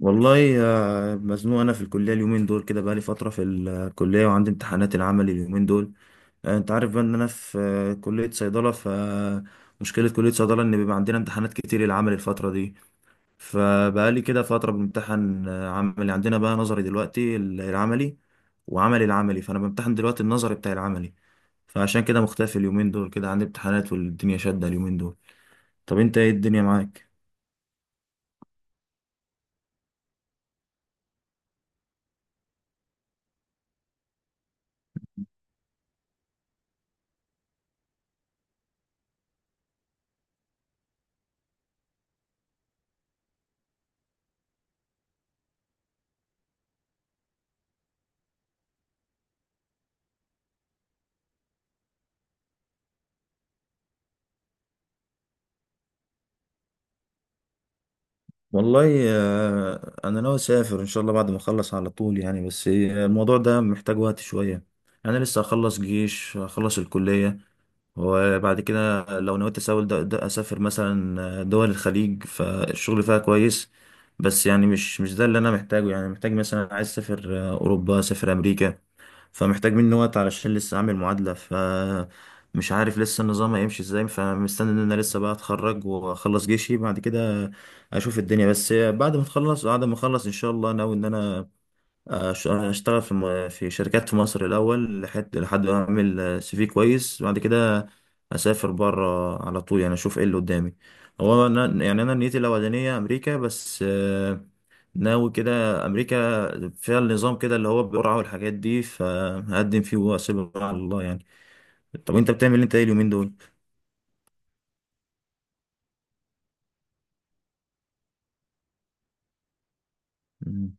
والله مزنوق انا في الكليه اليومين دول كده، بقالي فتره في الكليه وعندي امتحانات العمل اليومين دول. انت عارف بقى ان انا في كليه صيدله. مشكله كليه صيدله ان بيبقى عندنا امتحانات كتير العمل الفتره دي. فبقالي كده فتره بامتحن، عملي. عندنا بقى نظري دلوقتي العملي وعملي العملي، فانا بامتحن دلوقتي النظري بتاع العملي. فعشان كده مختفي اليومين دول كده، عندي امتحانات والدنيا شادة اليومين دول. طب انت ايه الدنيا معاك؟ والله، انا ناوي اسافر ان شاء الله بعد ما اخلص على طول يعني، بس الموضوع ده محتاج وقت شويه. انا لسه هخلص جيش، هخلص الكليه، وبعد كده لو نويت اسافر، ده اسافر مثلا دول الخليج، فالشغل فيها كويس. بس يعني مش ده اللي انا محتاجه، يعني محتاج مثلا، عايز اسافر اوروبا، اسافر امريكا. فمحتاج مني وقت علشان لسه اعمل معادلة. مش عارف لسه النظام هيمشي ازاي، فمستني ان انا لسه بقى اتخرج واخلص جيشي. بعد كده اشوف الدنيا، بس بعد ما اخلص ان شاء الله ناوي ان انا اشتغل في في شركات في مصر الاول، لحد ما اعمل سي في كويس، بعد كده اسافر بره على طول يعني، اشوف ايه اللي قدامي. هو انا يعني، انا نيتي الاولانيه امريكا، بس ناوي كده. امريكا فيها النظام كده اللي هو بالقرعه والحاجات دي، فهقدم فيه واسيبه على الله يعني. طب انت بتعمل إيه؟ انت ايه اليومين دول؟ مم.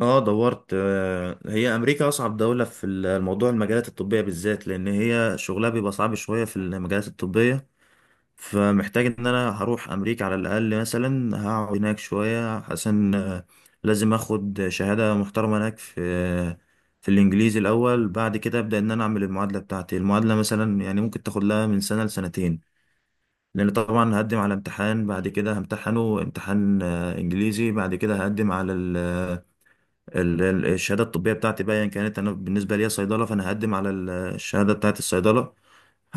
اه دورت. هي امريكا اصعب دوله في الموضوع، المجالات الطبيه بالذات، لان هي شغلها بيبقى صعب شويه في المجالات الطبيه. فمحتاج ان انا هروح امريكا على الاقل، مثلا هقعد هناك شوية عشان لازم اخد شهادة محترمة هناك، في الانجليزي الاول. بعد كده ابدا ان انا اعمل المعادلة بتاعتي. المعادلة مثلا يعني ممكن تاخد لها من سنة لسنتين. لان طبعا هقدم على امتحان، بعد كده همتحنه امتحان انجليزي. بعد كده هقدم على الشهادة الطبية بتاعتي بقى، يعني كانت انا بالنسبة لي صيدلة، فانا هقدم على الشهادة بتاعت الصيدلة.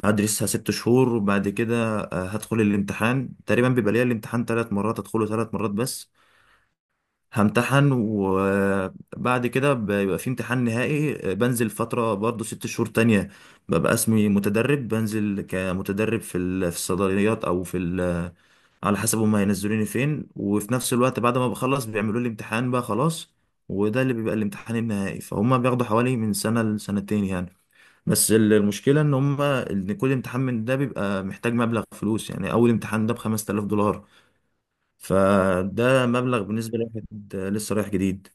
هدرسها 6 شهور وبعد كده هدخل الامتحان. تقريبا بيبقى ليا الامتحان 3 مرات، ادخله 3 مرات بس، همتحن. وبعد كده بيبقى في امتحان نهائي، بنزل فترة برضو 6 شهور تانية، ببقى اسمي متدرب، بنزل كمتدرب في الصيدليات او على حسب هما هينزلوني فين. وفي نفس الوقت بعد ما بخلص بيعملوا لي امتحان بقى خلاص، وده اللي بيبقى الامتحان النهائي. فهم بياخدوا حوالي من سنة لسنتين يعني. بس المشكلة ان هما، ان كل امتحان من ده بيبقى محتاج مبلغ فلوس، يعني اول امتحان ده ب5000 دولار. فده مبلغ بالنسبة لواحد لسه رايح جديد.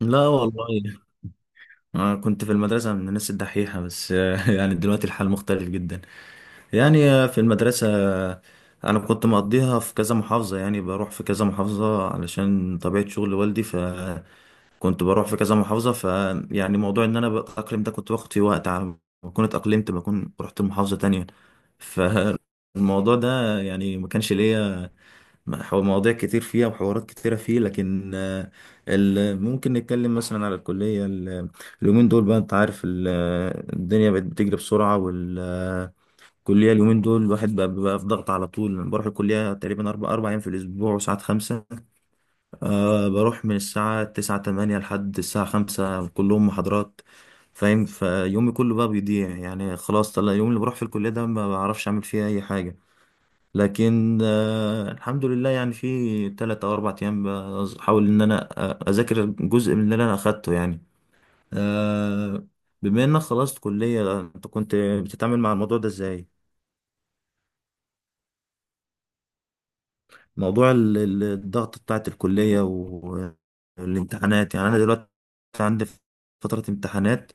لا والله، أنا كنت في المدرسة من الناس الدحيحة بس يعني دلوقتي الحال مختلف جدا. يعني في المدرسة أنا كنت مقضيها في كذا محافظة، يعني بروح في كذا محافظة علشان طبيعة شغل والدي. كنت بروح في كذا محافظة، فيعني موضوع ان انا بتأقلم ده كنت باخد فيه وقت، على ما اكون اتأقلمت بكون رحت محافظة تانية. فالموضوع ده يعني ما كانش ليا مواضيع كتير فيها وحوارات كتيرة فيه. لكن ممكن نتكلم مثلا على الكلية. اليومين دول بقى، انت عارف الدنيا بقت بتجري بسرعة، والكلية اليومين دول الواحد بقى في ضغط على طول. بروح الكلية تقريبا أربع أيام في الأسبوع، وساعات خمسة. أه بروح من الساعة تسعة، تمانية لحد الساعة خمسة، كلهم محاضرات، فاهم. فيومي كله بقى بيضيع يعني. خلاص، طلع اليوم اللي بروح في الكلية ده ما بعرفش أعمل فيه أي حاجة. لكن أه الحمد لله، يعني في 3 أو 4 أيام بحاول إن أنا أذاكر جزء من اللي أنا أخدته يعني. أه، بما إنك خلصت كلية، أنت كنت بتتعامل مع الموضوع ده إزاي؟ موضوع الضغط بتاعت الكلية والامتحانات. يعني أنا دلوقتي عندي فترة امتحانات،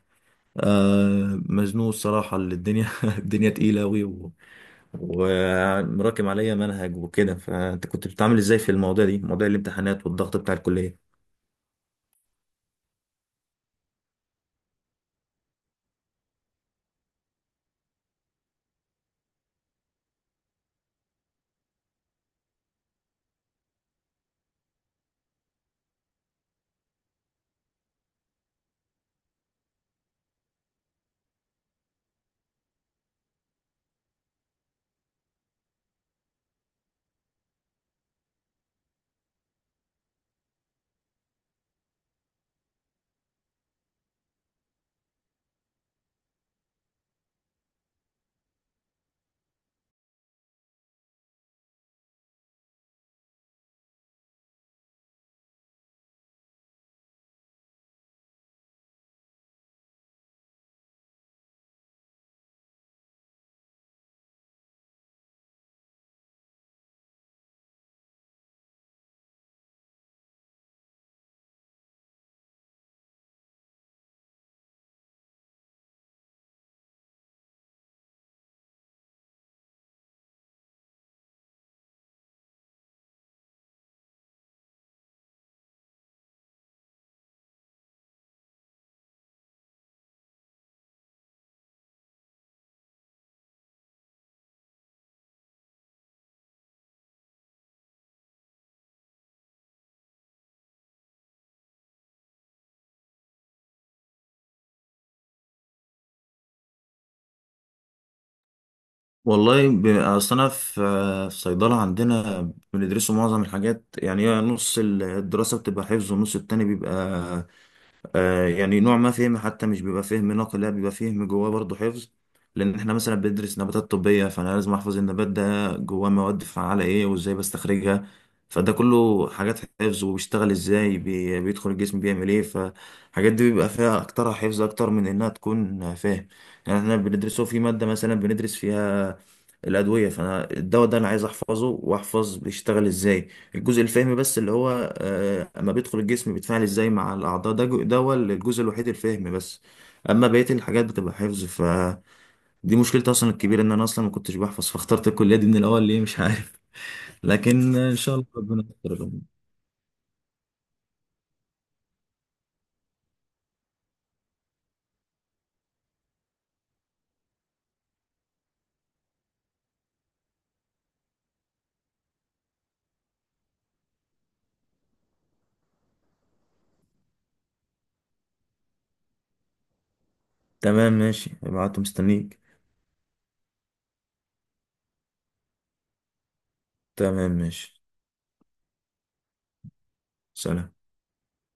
مزنوق الصراحة. اللي الدنيا الدنيا تقيلة أوي ومراكم عليا منهج وكده، فأنت كنت بتتعامل إزاي في المواضيع دي، مواضيع الامتحانات والضغط بتاع الكلية؟ والله أصل أنا في في صيدلة عندنا بندرسوا معظم الحاجات. يعني هي نص الدراسة بتبقى حفظ والنص التاني بيبقى يعني نوع ما فهم. حتى مش بيبقى فهم نقل، لا بيبقى فهم جواه برضه حفظ. لان احنا مثلا بندرس نباتات طبية، فانا لازم احفظ النبات ده جواه مواد فعالة ايه وازاي بستخرجها. فده كله حاجات حفظ. وبيشتغل ازاي، بي بيدخل الجسم بيعمل ايه، فالحاجات دي بيبقى فيها اكترها حفظ اكتر من انها تكون فاهم. يعني احنا بندرسه في مادة مثلا، بندرس فيها الأدوية، فأنا الدواء ده أنا عايز أحفظه وأحفظ بيشتغل إزاي. الجزء الفهمي بس اللي هو اما بيدخل الجسم بيتفاعل ازاي مع الاعضاء، ده ده هو الجزء الوحيد الفهمي بس. اما بقيه الحاجات بتبقى حفظ، فدي مشكلتي اصلا الكبيره، ان انا اصلا ما كنتش بحفظ، فاخترت الكليه دي من الاول ليه مش عارف لكن ان شاء الله ربنا يستر. تمام ماشي، ابعته مستنيك. تمام ماشي. سلام.